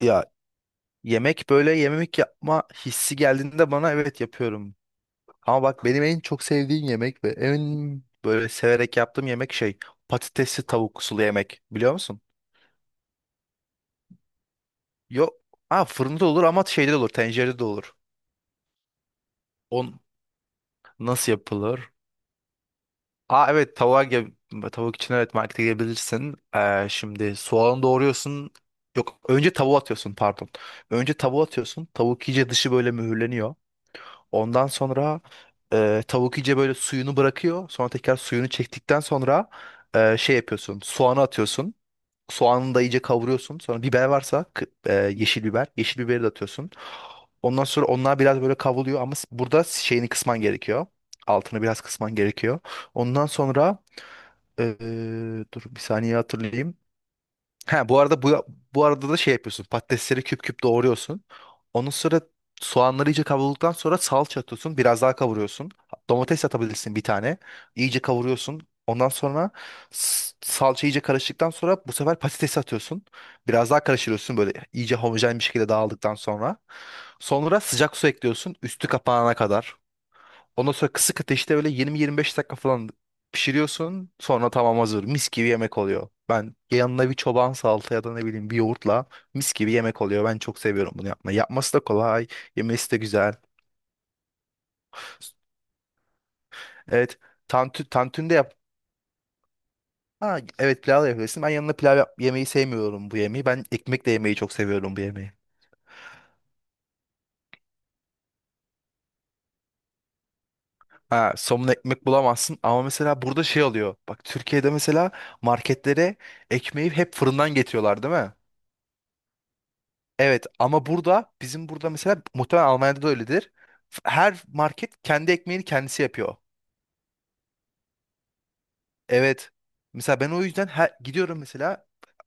Ya yemek böyle yemek yapma hissi geldiğinde bana evet yapıyorum. Ama bak benim en çok sevdiğim yemek ve en böyle severek yaptığım yemek şey patatesli tavuk sulu yemek, biliyor musun? Yok. Ha, fırında da olur ama şeyde de olur, tencerede de olur. On nasıl yapılır? Aa, evet, tavuk için evet markete gelebilirsin. Şimdi soğanı doğruyorsun. Yok, önce tavuğu atıyorsun pardon. Önce tavuğu atıyorsun. Tavuk iyice dışı böyle mühürleniyor. Ondan sonra tavuk iyice böyle suyunu bırakıyor. Sonra tekrar suyunu çektikten sonra şey yapıyorsun. Soğanı atıyorsun. Soğanı da iyice kavuruyorsun. Sonra biber varsa yeşil biber. Yeşil biberi de atıyorsun. Ondan sonra onlar biraz böyle kavruluyor ama burada şeyini kısman gerekiyor. Altını biraz kısman gerekiyor. Ondan sonra, e, dur bir saniye hatırlayayım. Ha, bu arada, bu arada da şey yapıyorsun. Patatesleri küp küp doğruyorsun. Onun sonra soğanları iyice kavrulduktan sonra salça atıyorsun. Biraz daha kavuruyorsun. Domates atabilirsin bir tane. İyice kavuruyorsun. Ondan sonra salça iyice karıştıktan sonra bu sefer patatesi atıyorsun. Biraz daha karıştırıyorsun böyle iyice homojen bir şekilde dağıldıktan sonra. Sonra sıcak su ekliyorsun üstü kapanana kadar. Ondan sonra kısık ateşte böyle 20-25 dakika falan pişiriyorsun. Sonra tamam, hazır. Mis gibi yemek oluyor. Ben yanına bir çoban salata ya da ne bileyim bir yoğurtla mis gibi yemek oluyor. Ben çok seviyorum bunu yapmayı. Yapması da kolay. Yemesi de güzel. Evet. Tantuni de yap. Ha, evet, pilav da yapabilirsin. Ben yanına pilav yap yemeyi sevmiyorum bu yemeği. Ben ekmekle yemeyi çok seviyorum bu yemeği. Ha, somun ekmek bulamazsın ama mesela burada şey oluyor. Bak, Türkiye'de mesela marketlere ekmeği hep fırından getiriyorlar, değil mi? Evet ama burada, bizim burada mesela muhtemelen Almanya'da da öyledir. Her market kendi ekmeğini kendisi yapıyor. Evet. Mesela ben o yüzden gidiyorum mesela,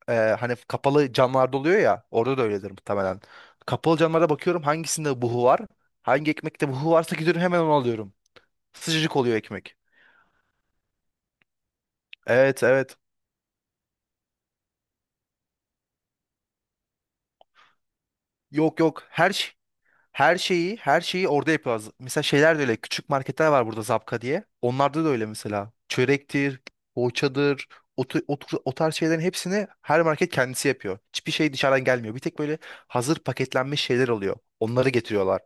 hani kapalı camlarda oluyor ya, orada da öyledir muhtemelen. Kapalı camlarda bakıyorum hangisinde buhu var. Hangi ekmekte buhu varsa gidiyorum hemen onu alıyorum. Sıcacık oluyor ekmek. Evet, evet. Yok, yok, her şeyi orada yapıyoruz. Mesela şeyler de öyle. Küçük marketler var burada Zapka diye. Onlarda da öyle mesela. Çörektir, poğaçadır, o tarz şeylerin hepsini her market kendisi yapıyor. Hiçbir şey dışarıdan gelmiyor. Bir tek böyle hazır paketlenmiş şeyler oluyor. Onları getiriyorlar.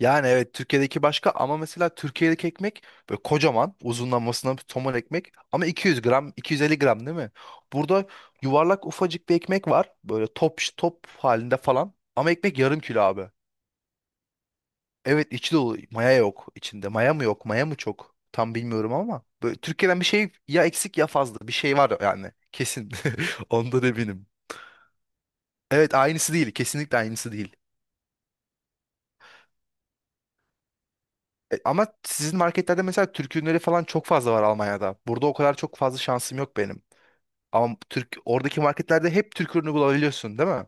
Yani evet Türkiye'deki başka ama mesela Türkiye'deki ekmek böyle kocaman uzunlamasına bir somon ekmek ama 200 gram 250 gram, değil mi? Burada yuvarlak ufacık bir ekmek var, böyle top top halinde falan ama ekmek yarım kilo abi. Evet, içi dolu. Maya yok içinde. Maya mı yok? Maya mı çok? Tam bilmiyorum ama. Böyle Türkiye'den bir şey ya eksik ya fazla. Bir şey var yani. Kesin. Ondan eminim. Evet, aynısı değil. Kesinlikle aynısı değil. Ama sizin marketlerde mesela Türk ürünleri falan çok fazla var Almanya'da. Burada o kadar çok fazla şansım yok benim. Ama Türk oradaki marketlerde hep Türk ürünü bulabiliyorsun, değil mi?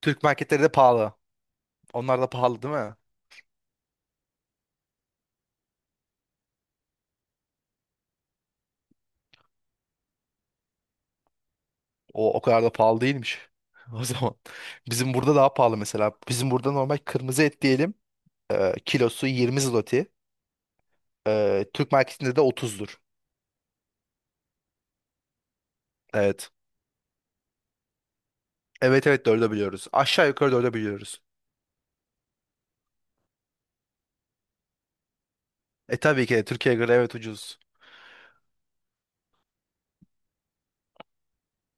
Türk marketleri de pahalı. Onlar da pahalı, değil mi? O kadar da pahalı değilmiş. O zaman bizim burada daha pahalı mesela. Bizim burada normal kırmızı et diyelim. Kilosu 20 zloty. Türk marketinde de 30'dur. Evet. Evet, evet, dörde biliyoruz. Aşağı yukarı dörde biliyoruz. Tabii ki de Türkiye'ye göre evet ucuz.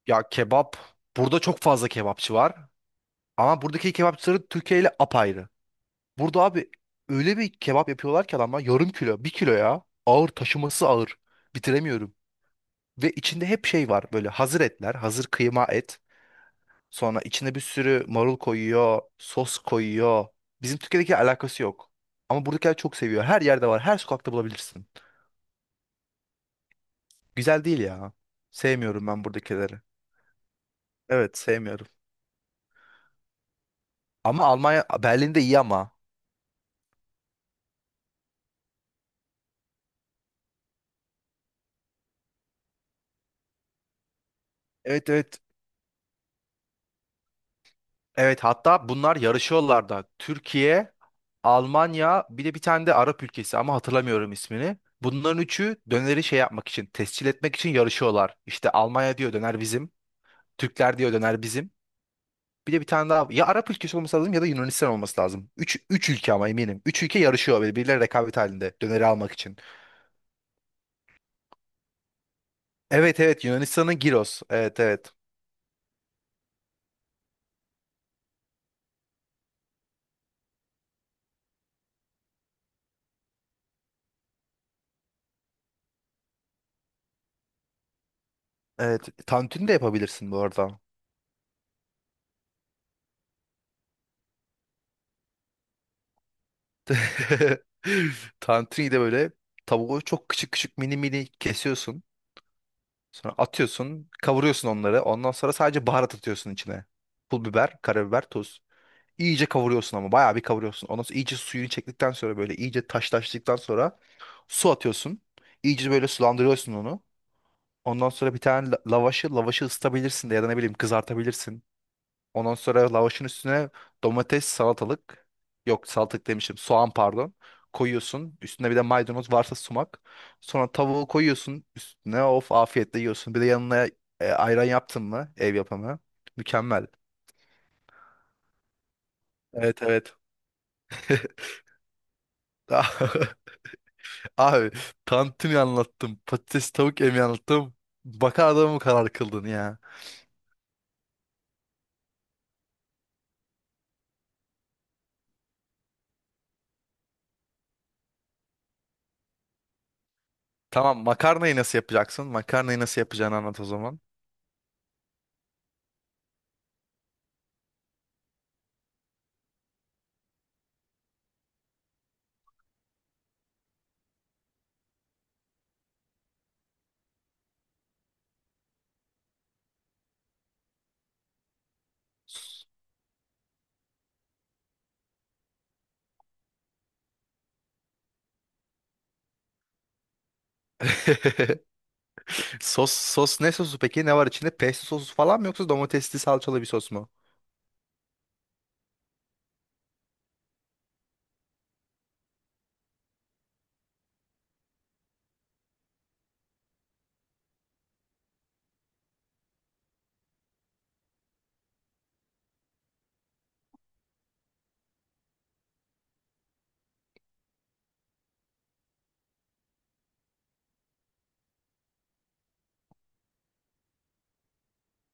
Ya kebap. Burada çok fazla kebapçı var. Ama buradaki kebapçıları Türkiye ile apayrı. Burada abi öyle bir kebap yapıyorlar ki adamlar yarım kilo, bir kilo ya. Ağır taşıması ağır. Bitiremiyorum. Ve içinde hep şey var böyle, hazır etler, hazır kıyma et. Sonra içine bir sürü marul koyuyor, sos koyuyor. Bizim Türkiye'deki alakası yok. Ama buradakiler çok seviyor. Her yerde var. Her sokakta bulabilirsin. Güzel değil ya. Sevmiyorum ben buradakileri. Evet, sevmiyorum. Ama Almanya, Berlin'de iyi ama. Evet, evet. Evet, hatta bunlar yarışıyorlar da. Türkiye, Almanya, bir de bir tane de Arap ülkesi ama hatırlamıyorum ismini. Bunların üçü döneri şey yapmak için, tescil etmek için yarışıyorlar. İşte Almanya diyor döner bizim, Türkler diyor döner bizim. Bir de bir tane daha. Ya Arap ülkesi olması lazım ya da Yunanistan olması lazım. Üç ülke ama eminim. Üç ülke yarışıyor böyle birbirleri rekabet halinde döneri almak için. Evet, evet, Yunanistan'ın Giros. Evet, evet. Evet. Tantuni de yapabilirsin bu arada. Tantuni de böyle tavuğu çok küçük küçük mini mini kesiyorsun. Sonra atıyorsun, kavuruyorsun onları. Ondan sonra sadece baharat atıyorsun içine. Pul biber, karabiber, tuz. İyice kavuruyorsun ama bayağı bir kavuruyorsun. Ondan sonra iyice suyunu çektikten sonra böyle iyice taşlaştıktan sonra su atıyorsun. İyice böyle sulandırıyorsun onu. Ondan sonra bir tane lavaşı ısıtabilirsin de ya da ne bileyim kızartabilirsin. Ondan sonra lavaşın üstüne domates, salatalık, yok salatalık demişim, soğan pardon, koyuyorsun. Üstüne bir de maydanoz varsa sumak. Sonra tavuğu koyuyorsun üstüne, of, afiyetle yiyorsun. Bir de yanına ayran yaptın mı ev yapımı? Mükemmel. Evet, evet. Abi, tantuni anlattım, patates tavuk emi anlattım. Bakar adamı karar kıldın ya. Tamam, makarnayı nasıl yapacaksın? Makarnayı nasıl yapacağını anlat o zaman. Sos ne sosu peki? Ne var içinde? Pesto sosu falan mı yoksa domatesli salçalı bir sos mu?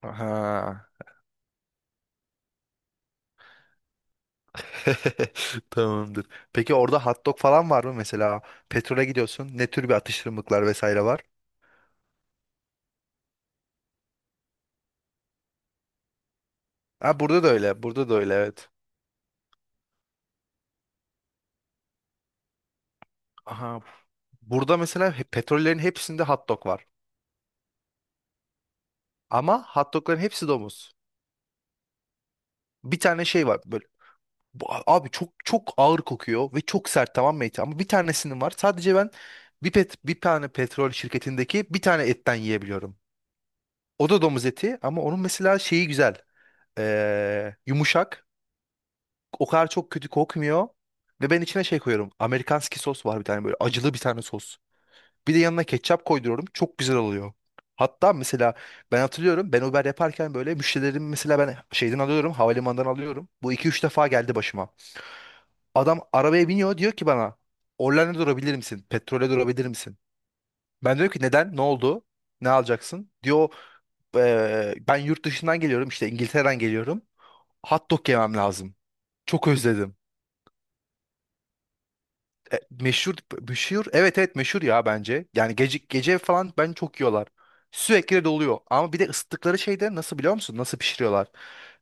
Aha. Tamamdır. Peki orada hot dog falan var mı mesela? Petrole gidiyorsun. Ne tür bir atıştırmalıklar vesaire var? Ha, burada da öyle. Burada da öyle, evet. Aha. Burada mesela petrollerin hepsinde hot dog var. Ama hot dogların hepsi domuz. Bir tane şey var. Böyle. Abi çok çok ağır kokuyor ve çok sert, tamam mı eti? Ama bir tanesinin var. Sadece ben bir tane petrol şirketindeki bir tane etten yiyebiliyorum. O da domuz eti ama onun mesela şeyi güzel. Yumuşak. O kadar çok kötü kokmuyor. Ve ben içine şey koyuyorum. Amerikanski sos var bir tane, böyle acılı bir tane sos. Bir de yanına ketçap koyduruyorum. Çok güzel oluyor. Hatta mesela ben hatırlıyorum, ben Uber yaparken böyle müşterilerim mesela ben şeyden alıyorum havalimanından alıyorum. Bu iki üç defa geldi başıma. Adam arabaya biniyor, diyor ki bana, Orlen'e durabilir misin? Petrole durabilir misin? Ben diyor ki neden? Ne oldu? Ne alacaksın? Diyor, "Ben yurt dışından geliyorum işte, İngiltere'den geliyorum. Hot dog yemem lazım. Çok özledim." Meşhur, meşhur, evet, evet, meşhur ya, bence. Yani gece gece falan ben çok yiyorlar. Sürekli de doluyor. Ama bir de ısıttıkları şeyde nasıl, biliyor musun? Nasıl pişiriyorlar?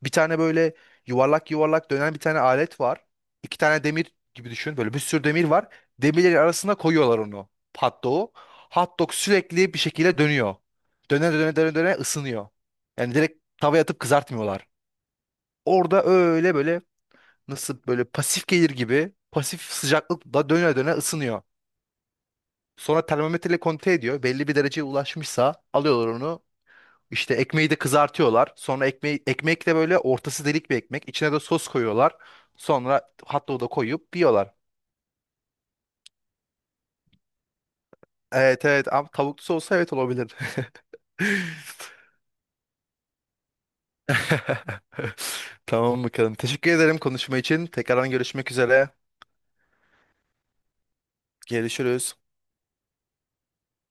Bir tane böyle yuvarlak yuvarlak dönen bir tane alet var. İki tane demir gibi düşün. Böyle bir sürü demir var. Demirlerin arasına koyuyorlar onu. Hot dog'u. Hot dog sürekli bir şekilde dönüyor. Döne döne döne döne ısınıyor. Yani direkt tavaya atıp kızartmıyorlar. Orada öyle böyle, nasıl böyle pasif gelir gibi pasif sıcaklıkla döne döne ısınıyor. Sonra termometreyle kontrol ediyor. Belli bir dereceye ulaşmışsa alıyorlar onu. İşte ekmeği de kızartıyorlar. Sonra ekmek de böyle ortası delik bir ekmek. İçine de sos koyuyorlar. Sonra hot dog'u da koyup yiyorlar. Evet, evet ama tavuklu olsa evet olabilir. Tamam, bakalım. Teşekkür ederim konuşma için. Tekrardan görüşmek üzere. Görüşürüz.